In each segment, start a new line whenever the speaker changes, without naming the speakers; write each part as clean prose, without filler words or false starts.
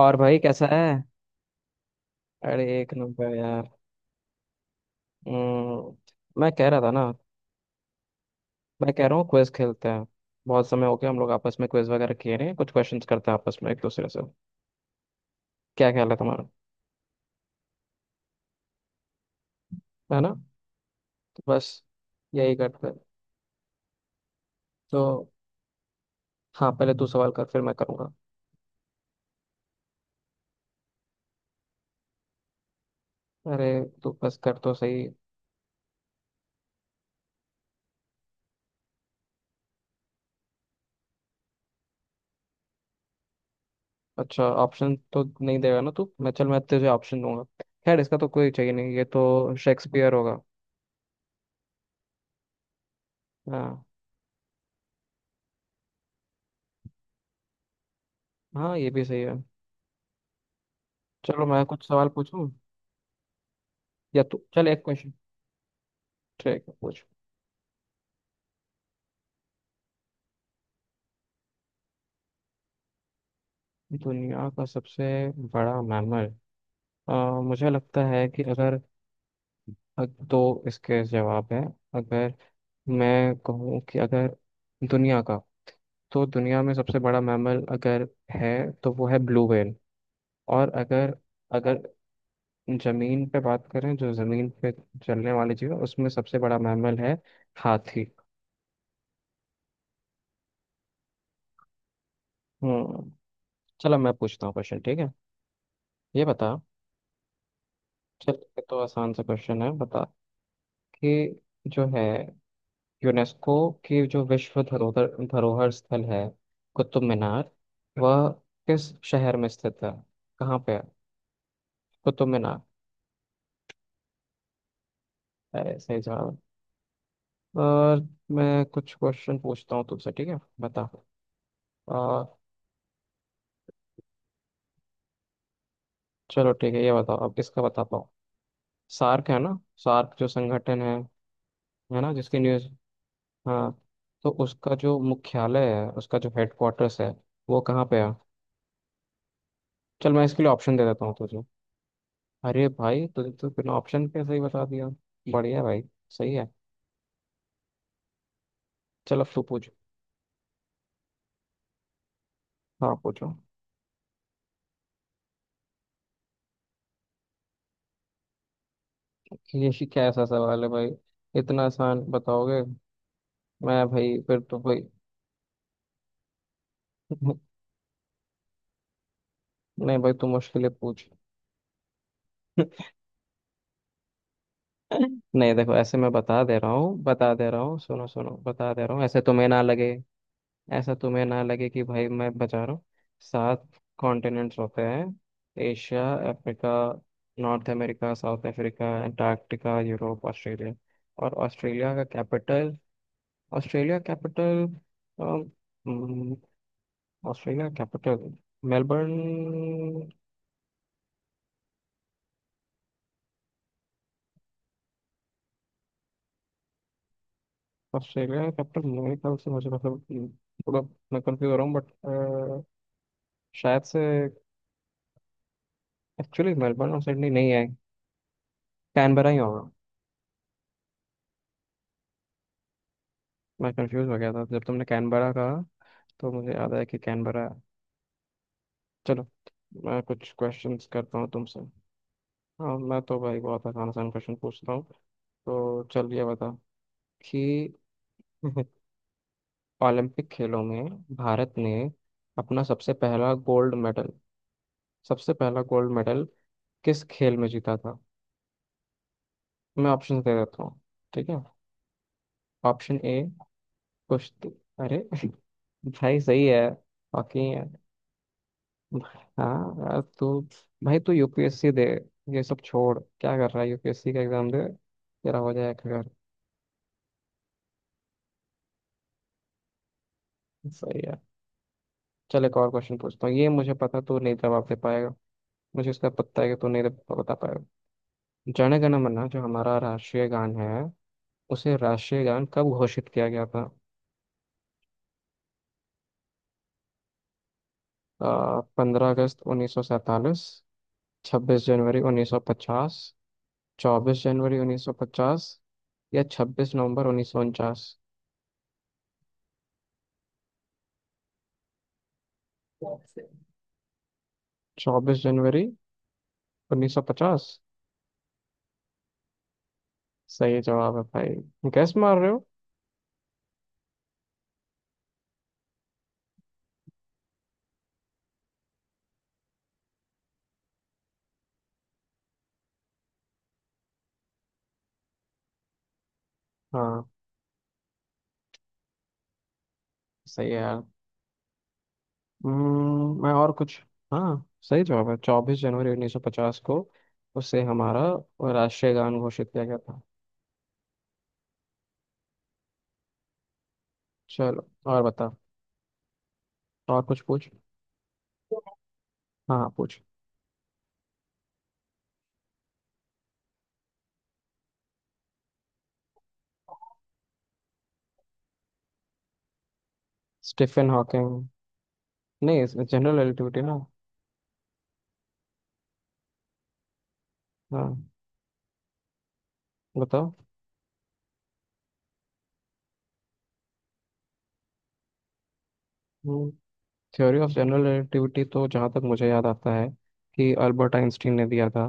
और भाई कैसा है? अरे एक नंबर यार। हम्म, मैं कह रहा था ना। मैं कह रहा हूँ क्विज खेलते हैं। बहुत समय हो गया, हम लोग आपस में क्विज वगैरह किए नहीं, कुछ क्वेश्चंस करते हैं आपस में एक दूसरे से। क्या ख्याल है तुम्हारा? है ना? तो बस यही करते हैं। तो हाँ, पहले तू सवाल कर फिर मैं करूँगा। अरे तू बस कर तो सही। अच्छा, ऑप्शन तो नहीं देगा ना तू? मैं चल मैं तुझे ऑप्शन दूंगा। खैर, इसका तो कोई चाहिए नहीं, ये तो शेक्सपियर होगा। हाँ हाँ, ये भी सही है। चलो मैं कुछ सवाल पूछूं। या तू चल एक क्वेश्चन। ठीक है पूछ। दुनिया का सबसे बड़ा मैमल। अ, मुझे लगता है कि अगर। दो इसके जवाब है। अगर मैं कहूँ कि अगर दुनिया का, तो दुनिया में सबसे बड़ा मैमल अगर है तो वो है ब्लू व्हेल। और अगर अगर जमीन पे बात करें, जो जमीन पे चलने वाली चीज है उसमें सबसे बड़ा मैमल है हाथी। हम्म। चलो मैं पूछता हूँ क्वेश्चन, ठीक है ये बता। चल, ये तो आसान सा क्वेश्चन है, बता कि जो है यूनेस्को की जो विश्व धरोहर धरोहर स्थल है, कुतुब मीनार, वह किस शहर में स्थित है? कहाँ पे है कुतुब मीनार? अरे सही जवाब। और मैं कुछ क्वेश्चन पूछता हूँ तुमसे, ठीक है बता। आ, चलो ठीक है, ये बताओ अब इसका बता पाओ। सार्क है ना? सार्क जो संगठन है ना? जिसकी न्यूज़, हाँ, तो उसका जो मुख्यालय है, उसका जो हेडक्वार्टर्स है, वो कहाँ पे है? चल मैं इसके लिए ऑप्शन दे देता हूँ तुझे। अरे भाई, तुझे तो बिना ऑप्शन के सही बता दिया। बढ़िया भाई, सही है। चल अब तू पूछ। हाँ पूछो। क्या ऐसा सवाल है भाई? इतना आसान बताओगे? मैं भाई फिर तो भाई। नहीं भाई, तू मुश्किलें पूछ। नहीं देखो, ऐसे मैं बता दे रहा हूँ, बता दे रहा हूँ, सुनो सुनो, बता दे रहा हूँ, ऐसे तुम्हें ना लगे, ऐसा तुम्हें ना लगे कि भाई मैं बचा रहा हूँ। सात कॉन्टिनेंट्स होते हैं। Asia, Africa, North America, South Africa, Antarctica, Europe, Australia. और ऑस्ट्रेलिया का capital, Australia capital Australia capital Melbourne. Australia capital, मेरे ख्याल से, मुझे मतलब, थोड़ा मैं कंफ्यूज हो रहा हूँ बट शायद से एक्चुअली मेलबर्न और सिडनी नहीं है, कैनबरा ही होगा। मैं कंफ्यूज हो गया था जब तुमने कैनबरा कहा, तो मुझे याद है कि कैनबरा है। चलो मैं कुछ क्वेश्चंस करता हूँ तुमसे। हाँ, मैं तो भाई बहुत आसान आसान क्वेश्चन पूछता हूँ। तो चल ये बता कि ओलंपिक खेलों में भारत ने अपना सबसे पहला गोल्ड मेडल, सबसे पहला गोल्ड मेडल किस खेल में जीता था? मैं ऑप्शन दे देता हूँ। ठीक है, ऑप्शन ए, कुश्ती। अरे भाई सही है। बाकी, हाँ, आज तो भाई तू यूपीएससी दे। ये सब छोड़, क्या कर रहा है, यूपीएससी का एग्जाम दे, तेरा हो जाएगा घर। सही है। चल एक और क्वेश्चन पूछता हूँ, ये मुझे पता तू नहीं जवाब दे पाएगा। मुझे इसका पता है कि तू नहीं बता पाएगा। जन गण मन, जो हमारा राष्ट्रीय गान है, उसे राष्ट्रीय गान कब घोषित किया गया था? पंद्रह अगस्त उन्नीस सौ सैंतालीस, छब्बीस जनवरी उन्नीस सौ पचास, चौबीस जनवरी उन्नीस सौ पचास, या छब्बीस नवंबर उन्नीस सौ उनचास? चौबीस जनवरी उन्नीस सौ पचास, सही जवाब है भाई, गैस मार रहे हो। हाँ सही है यार। मैं और कुछ, हाँ सही जवाब है, चौबीस जनवरी उन्नीस सौ पचास को उसे हमारा राष्ट्रीय गान घोषित किया गया था। चलो और बता। और कुछ पूछ। हाँ पूछ। Stephen Hawking? नहीं, जनरल रिलेटिविटी ना? हाँ बताओ। हम्म। थ्योरी ऑफ जनरल रिलेटिविटी तो जहाँ तक मुझे याद आता है कि अल्बर्ट आइंस्टीन ने दिया था।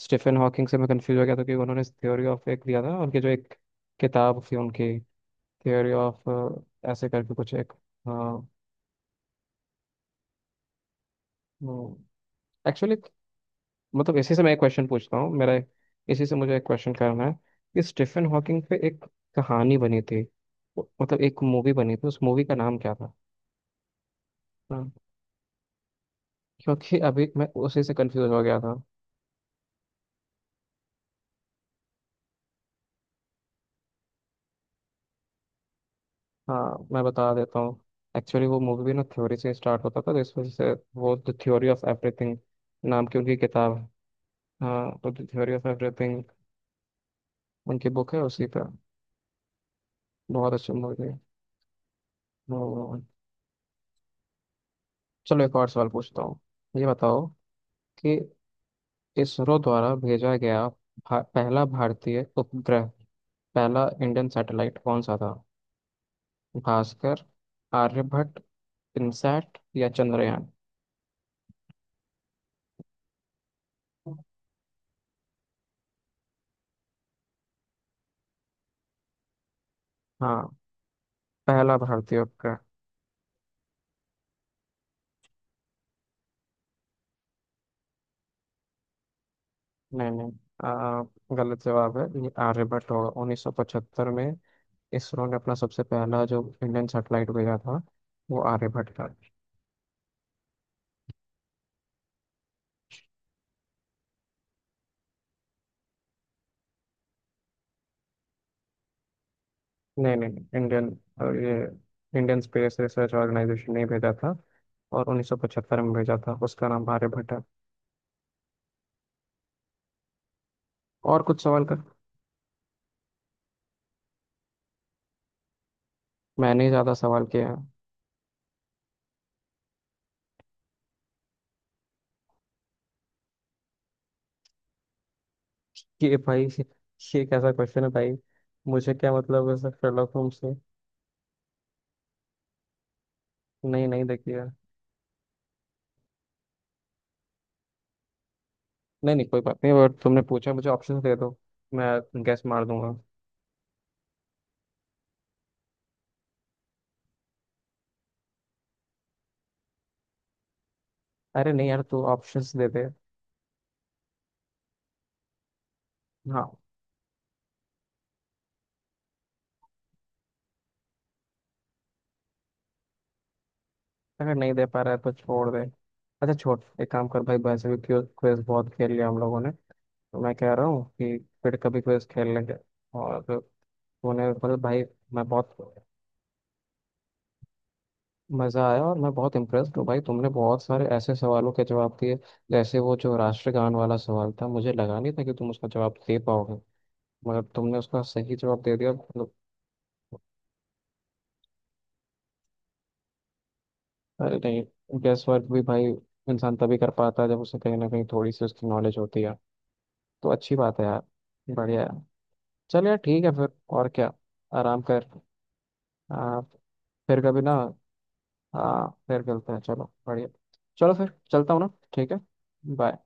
स्टीफन हॉकिंग से मैं कंफ्यूज हो गया था क्योंकि उन्होंने थ्योरी ऑफ एक दिया था, उनकी जो एक किताब थी, उनकी थ्योरी ऑफ ऐसे करके कुछ एक। हाँ। एक्चुअली मतलब इसी से मैं एक क्वेश्चन पूछता हूँ, इसी से मुझे एक क्वेश्चन करना है कि स्टीफन हॉकिंग पे एक कहानी बनी थी, मतलब एक मूवी बनी थी, उस मूवी का नाम क्या था? हाँ। क्योंकि अभी मैं उसी से कंफ्यूज हो गया था। हाँ मैं बता देता हूँ। एक्चुअली वो मूवी भी ना थ्योरी से स्टार्ट होता था, तो इस वजह से वो द थ्योरी ऑफ एवरीथिंग नाम की उनकी किताब है। हाँ, तो द थ्योरी ऑफ एवरीथिंग उनकी बुक है, उसी पर। बहुत अच्छी मूवी है। हम्म, चलो एक और सवाल पूछता हूँ। ये बताओ कि इसरो द्वारा भेजा गया पहला भारतीय उपग्रह, पहला इंडियन सैटेलाइट कौन सा था? भास्कर, आर्यभट्ट, इनसैट या चंद्रयान? हाँ, पहला भारतीय उपग्रह। नहीं नहीं। आ, गलत जवाब है ये, आर्यभट्ट होगा। 1975 में इसरो ने अपना सबसे पहला जो इंडियन सैटेलाइट भेजा था, वो आर्यभट्ट था। नहीं नहीं नहीं, इंडियन, ये इंडियन स्पेस रिसर्च ऑर्गेनाइजेशन ने भेजा था, और 1975 में भेजा था, उसका नाम आर्यभट्ट है। और कुछ सवाल कर। मैंने ही ज्यादा सवाल किए हैं। कि भाई, ये कैसा क्वेश्चन है भाई? मुझे क्या मतलब है सर शेरलॉक होम्स से? नहीं नहीं देखिए। नहीं नहीं कोई बात नहीं, और तुमने पूछा मुझे, ऑप्शन दे दो, मैं गैस मार दूंगा। अरे नहीं यार, तू ऑप्शंस दे दे। हाँ। अगर नहीं दे पा रहा है तो छोड़ दे। अच्छा छोड़, एक काम कर भाई, वैसे भी क्विज क्विज बहुत खेल लिया हम लोगों ने। तो मैं कह रहा हूँ कि फिर कभी क्विज खेल लेंगे। और तूने मतलब भाई, मैं बहुत मज़ा आया, और मैं बहुत इम्प्रेस्ड हूँ भाई, तुमने बहुत सारे ऐसे सवालों के जवाब दिए, जैसे वो जो राष्ट्रगान वाला सवाल था, मुझे लगा नहीं था कि तुम उसका जवाब दे पाओगे, मगर तुमने उसका सही जवाब दे दिया, मतलब। अरे नहीं, गेस वर्क भी भाई इंसान तभी कर पाता है जब उसे कहीं ना कहीं थोड़ी सी उसकी नॉलेज होती है। तो अच्छी बात है यार। बढ़िया है। चल यार, ठीक है फिर, और क्या, आराम कर। आ, फिर कभी ना। हाँ फिर मिलते हैं, चलो बढ़िया। चलो फिर चलता हूँ ना। ठीक है। बाय।